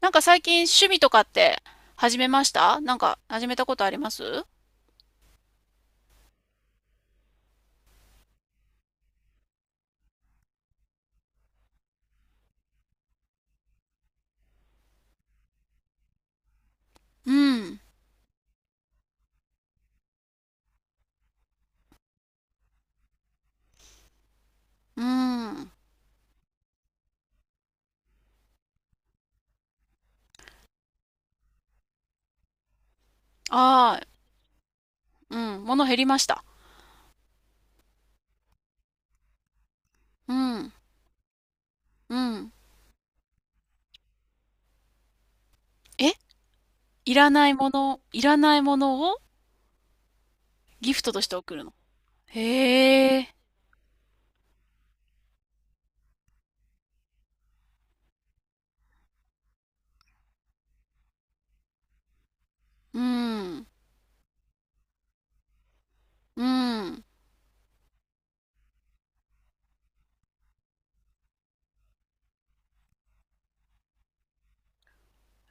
なんか最近趣味とかって始めました。始めたことあります？うん。うん。ああ、うん。物減りました。うん。うん。え、いらないもの、いらないものをギフトとして送るの？へえ。うん。うん。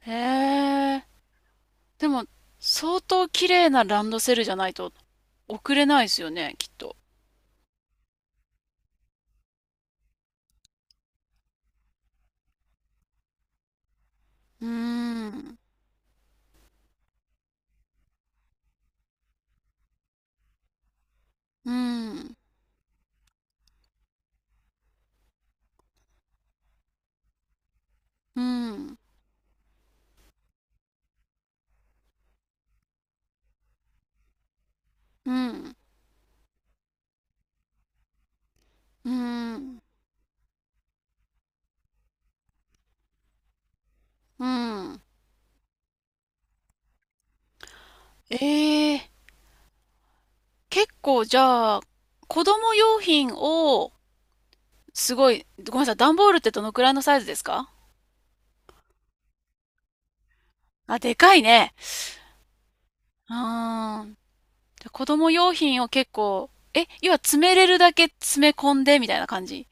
へえ。でも、相当綺麗なランドセルじゃないと送れないですよね、きっと。うーん。うん。うん。うん。うん。うん。ええ、結構じゃあ、子供用品を、すごい、ごめんなさい、段ボールってどのくらいのサイズですか？あ、でかいね。うーん。じゃあ子供用品を結構、え、要は詰めれるだけ詰め込んでみたいな感じ？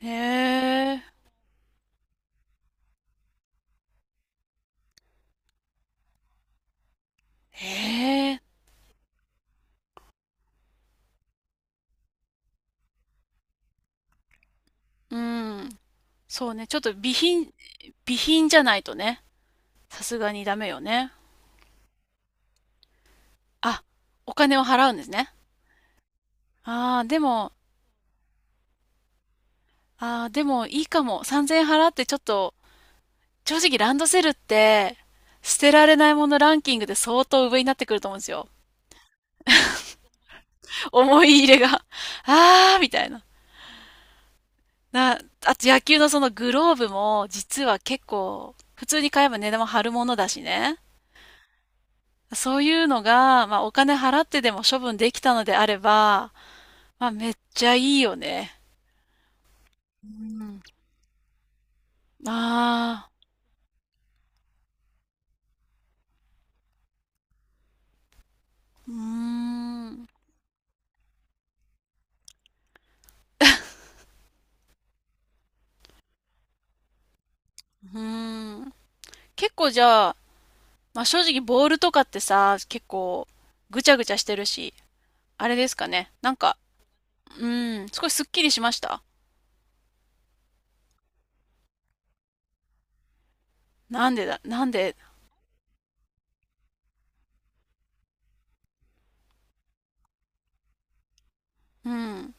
へえ、へえ、うん。そうね、ちょっと備品、備品じゃないとね、さすがにダメよね。あ、お金を払うんですね。ああ、でも、ああ、でもいいかも。3000円払ってちょっと、正直ランドセルって、捨てられないものランキングで相当上になってくると思うんですよ。思い入れが。あーみたいな。な、あと野球のそのグローブも実は結構普通に買えば値段も張るものだしね。そういうのが、まあお金払ってでも処分できたのであれば、まあめっちゃいいよね。うん。あー、うーん、うーん。結構じゃあ、まあ正直ボールとかってさ、結構ぐちゃぐちゃしてるし、あれですかね。なんか、うん、少しすっきりしました？なんでだ、なんで、うん。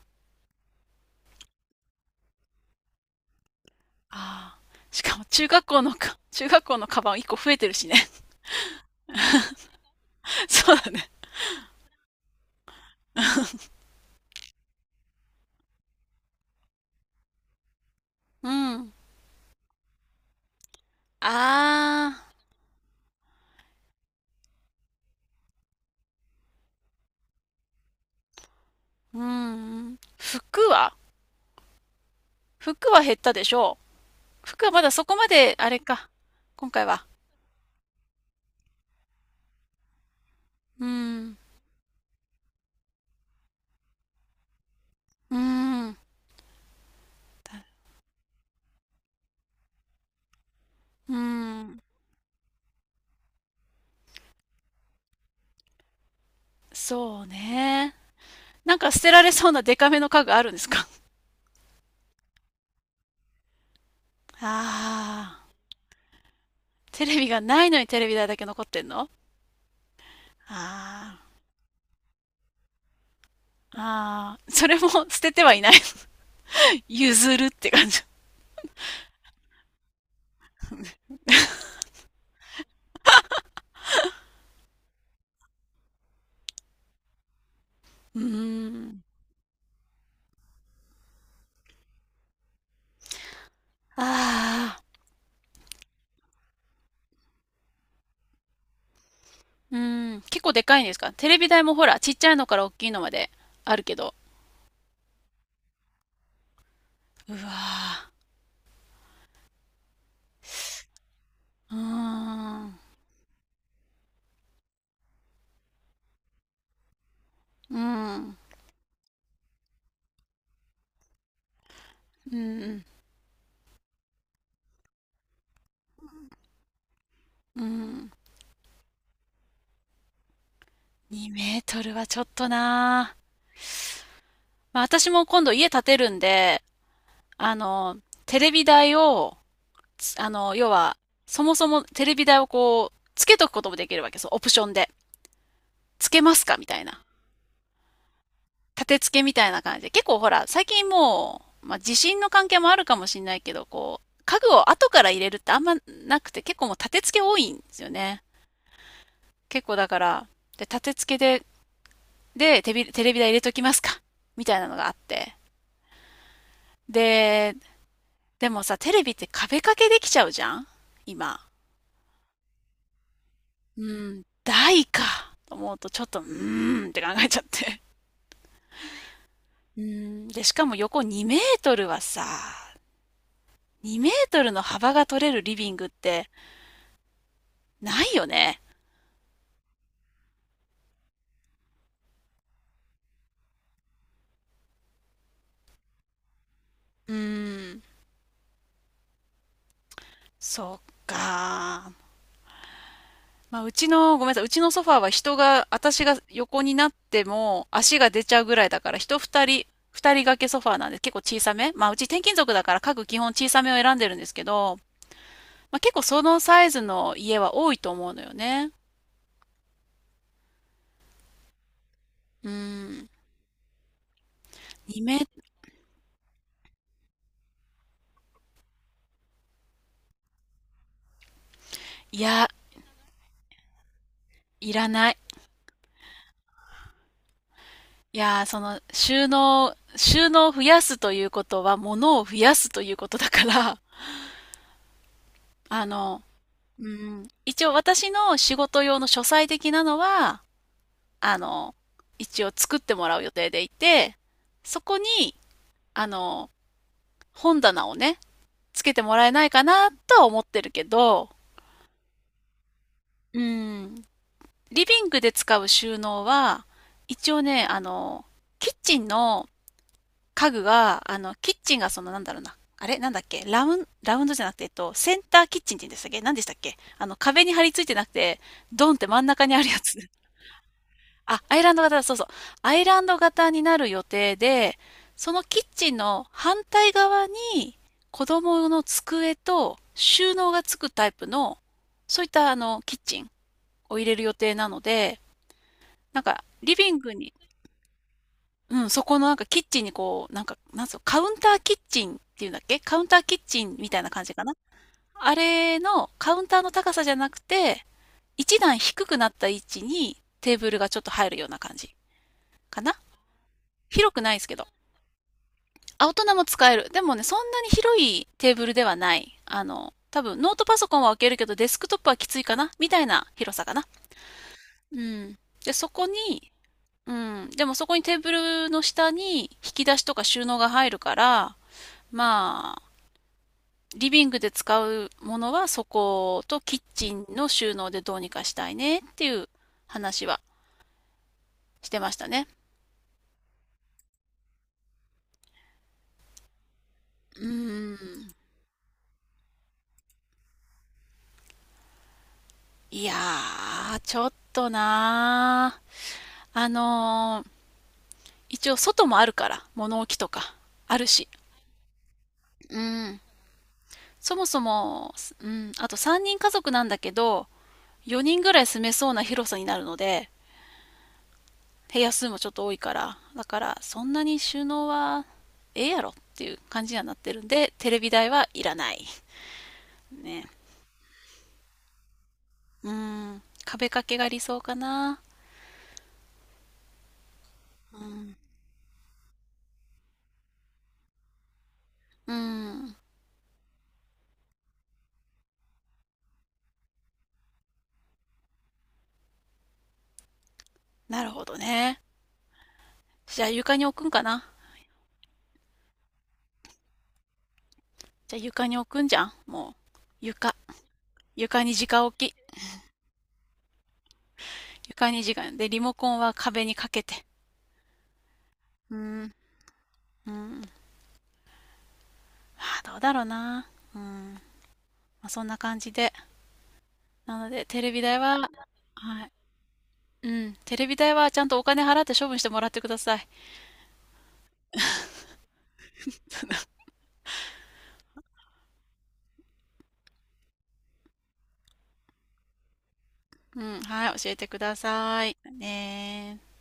ああ。しかも中学校のか、中学校のカバン1個増えてるしね。そうだね。うん。ああ、うん。服は、服は減ったでしょう？服はまだそこまで、あれか。今回は。うん。うん。うん。そうね。なんか捨てられそうなデカめの家具あるんですか？あ あー。テレビがないのにテレビ台だけ残ってんの？ああー。ああ、それも 捨ててはいない。 譲るって感じ。うーん。ああ、うーん。結構でかいんですか？テレビ台もほら、ちっちゃいのから大きいのまであるけど。うわあ、うーん。うん。うん。うん。2メートルはちょっとなあ。まあ私も今度家建てるんで、あの、テレビ台を、つ、要は、そもそもテレビ台をこう、つけとくこともできるわけです。オプションで。つけますかみたいな。立て付けみたいな感じで、結構ほら、最近もう、まあ、地震の関係もあるかもしれないけど、こう、家具を後から入れるってあんまなくて、結構もう立て付け多いんですよね。結構だから、で、立て付けで、で、テレビ、テレビ台入れときますか、みたいなのがあって。で、でもさ、テレビって壁掛けできちゃうじゃん今。うん、台か。と思うと、ちょっと、うーんって考えちゃって。うん、で、しかも横2メートルはさ、2メートルの幅が取れるリビングって、ないよね。うーん。そっか。まあ、うちの、ごめんなさい、うちのソファーは人が、私が横になっても足が出ちゃうぐらいだから、人二人、二人掛けソファーなんで結構小さめ。まあ、うち転勤族だから家具基本小さめを選んでるんですけど、まあ、結構そのサイズの家は多いと思うのよね。うーん。2メ、いや、いらない。いや、その、収納、収納を増やすということは、物を増やすということだから、あの、うん、一応私の仕事用の書斎的なのは、あの、一応作ってもらう予定でいて、そこに、あの、本棚をね、つけてもらえないかなとは思ってるけど、うん、リビングで使う収納は、一応ね、あの、キッチンの家具が、あの、キッチンがその、なんだろうな、あれなんだっけ、ラウン、ラウンドじゃなくて、センターキッチンって言うんでしたっけ？何でしたっけ？あの、壁に張り付いてなくて、ドンって真ん中にあるやつ。あ、アイランド型だ、そうそう。アイランド型になる予定で、そのキッチンの反対側に子供用の机と収納がつくタイプの、そういったあの、キッチンを入れる予定なので、なんか、リビングに、うん、そこのなんかキッチンにこう、なんか、なんつうの、カウンターキッチンっていうんだっけ？カウンターキッチンみたいな感じかな。あれのカウンターの高さじゃなくて、一段低くなった位置にテーブルがちょっと入るような感じかな。広くないですけど。あ、大人も使える。でもね、そんなに広いテーブルではない。あの、多分ノートパソコンは置けるけどデスクトップはきついかな、みたいな広さかな。うん。で、そこに、うん。でもそこにテーブルの下に引き出しとか収納が入るから、まあ、リビングで使うものはそことキッチンの収納でどうにかしたいねっていう話はしてましたね。うーん。いやー、ちょっとなー。あのー、一応外もあるから、物置とかあるし。うん。そもそも、うん、あと3人家族なんだけど、4人ぐらい住めそうな広さになるので、部屋数もちょっと多いから、だからそんなに収納はええやろっていう感じにはなってるんで、テレビ台はいらない。ね。うん、壁掛けが理想かな。うん、うん、なるほどね。じゃあ床に置くんかな。じゃあ床に置くんじゃん。もう、床。床に直置き。床に時間。で、リモコンは壁にかけて。うん、うん。あ、どうだろうな。うん。まあ、そんな感じで。なので、テレビ台は、はい。うん。テレビ台はちゃんとお金払って処分してもらってください。うん。はい。教えてください。ねー。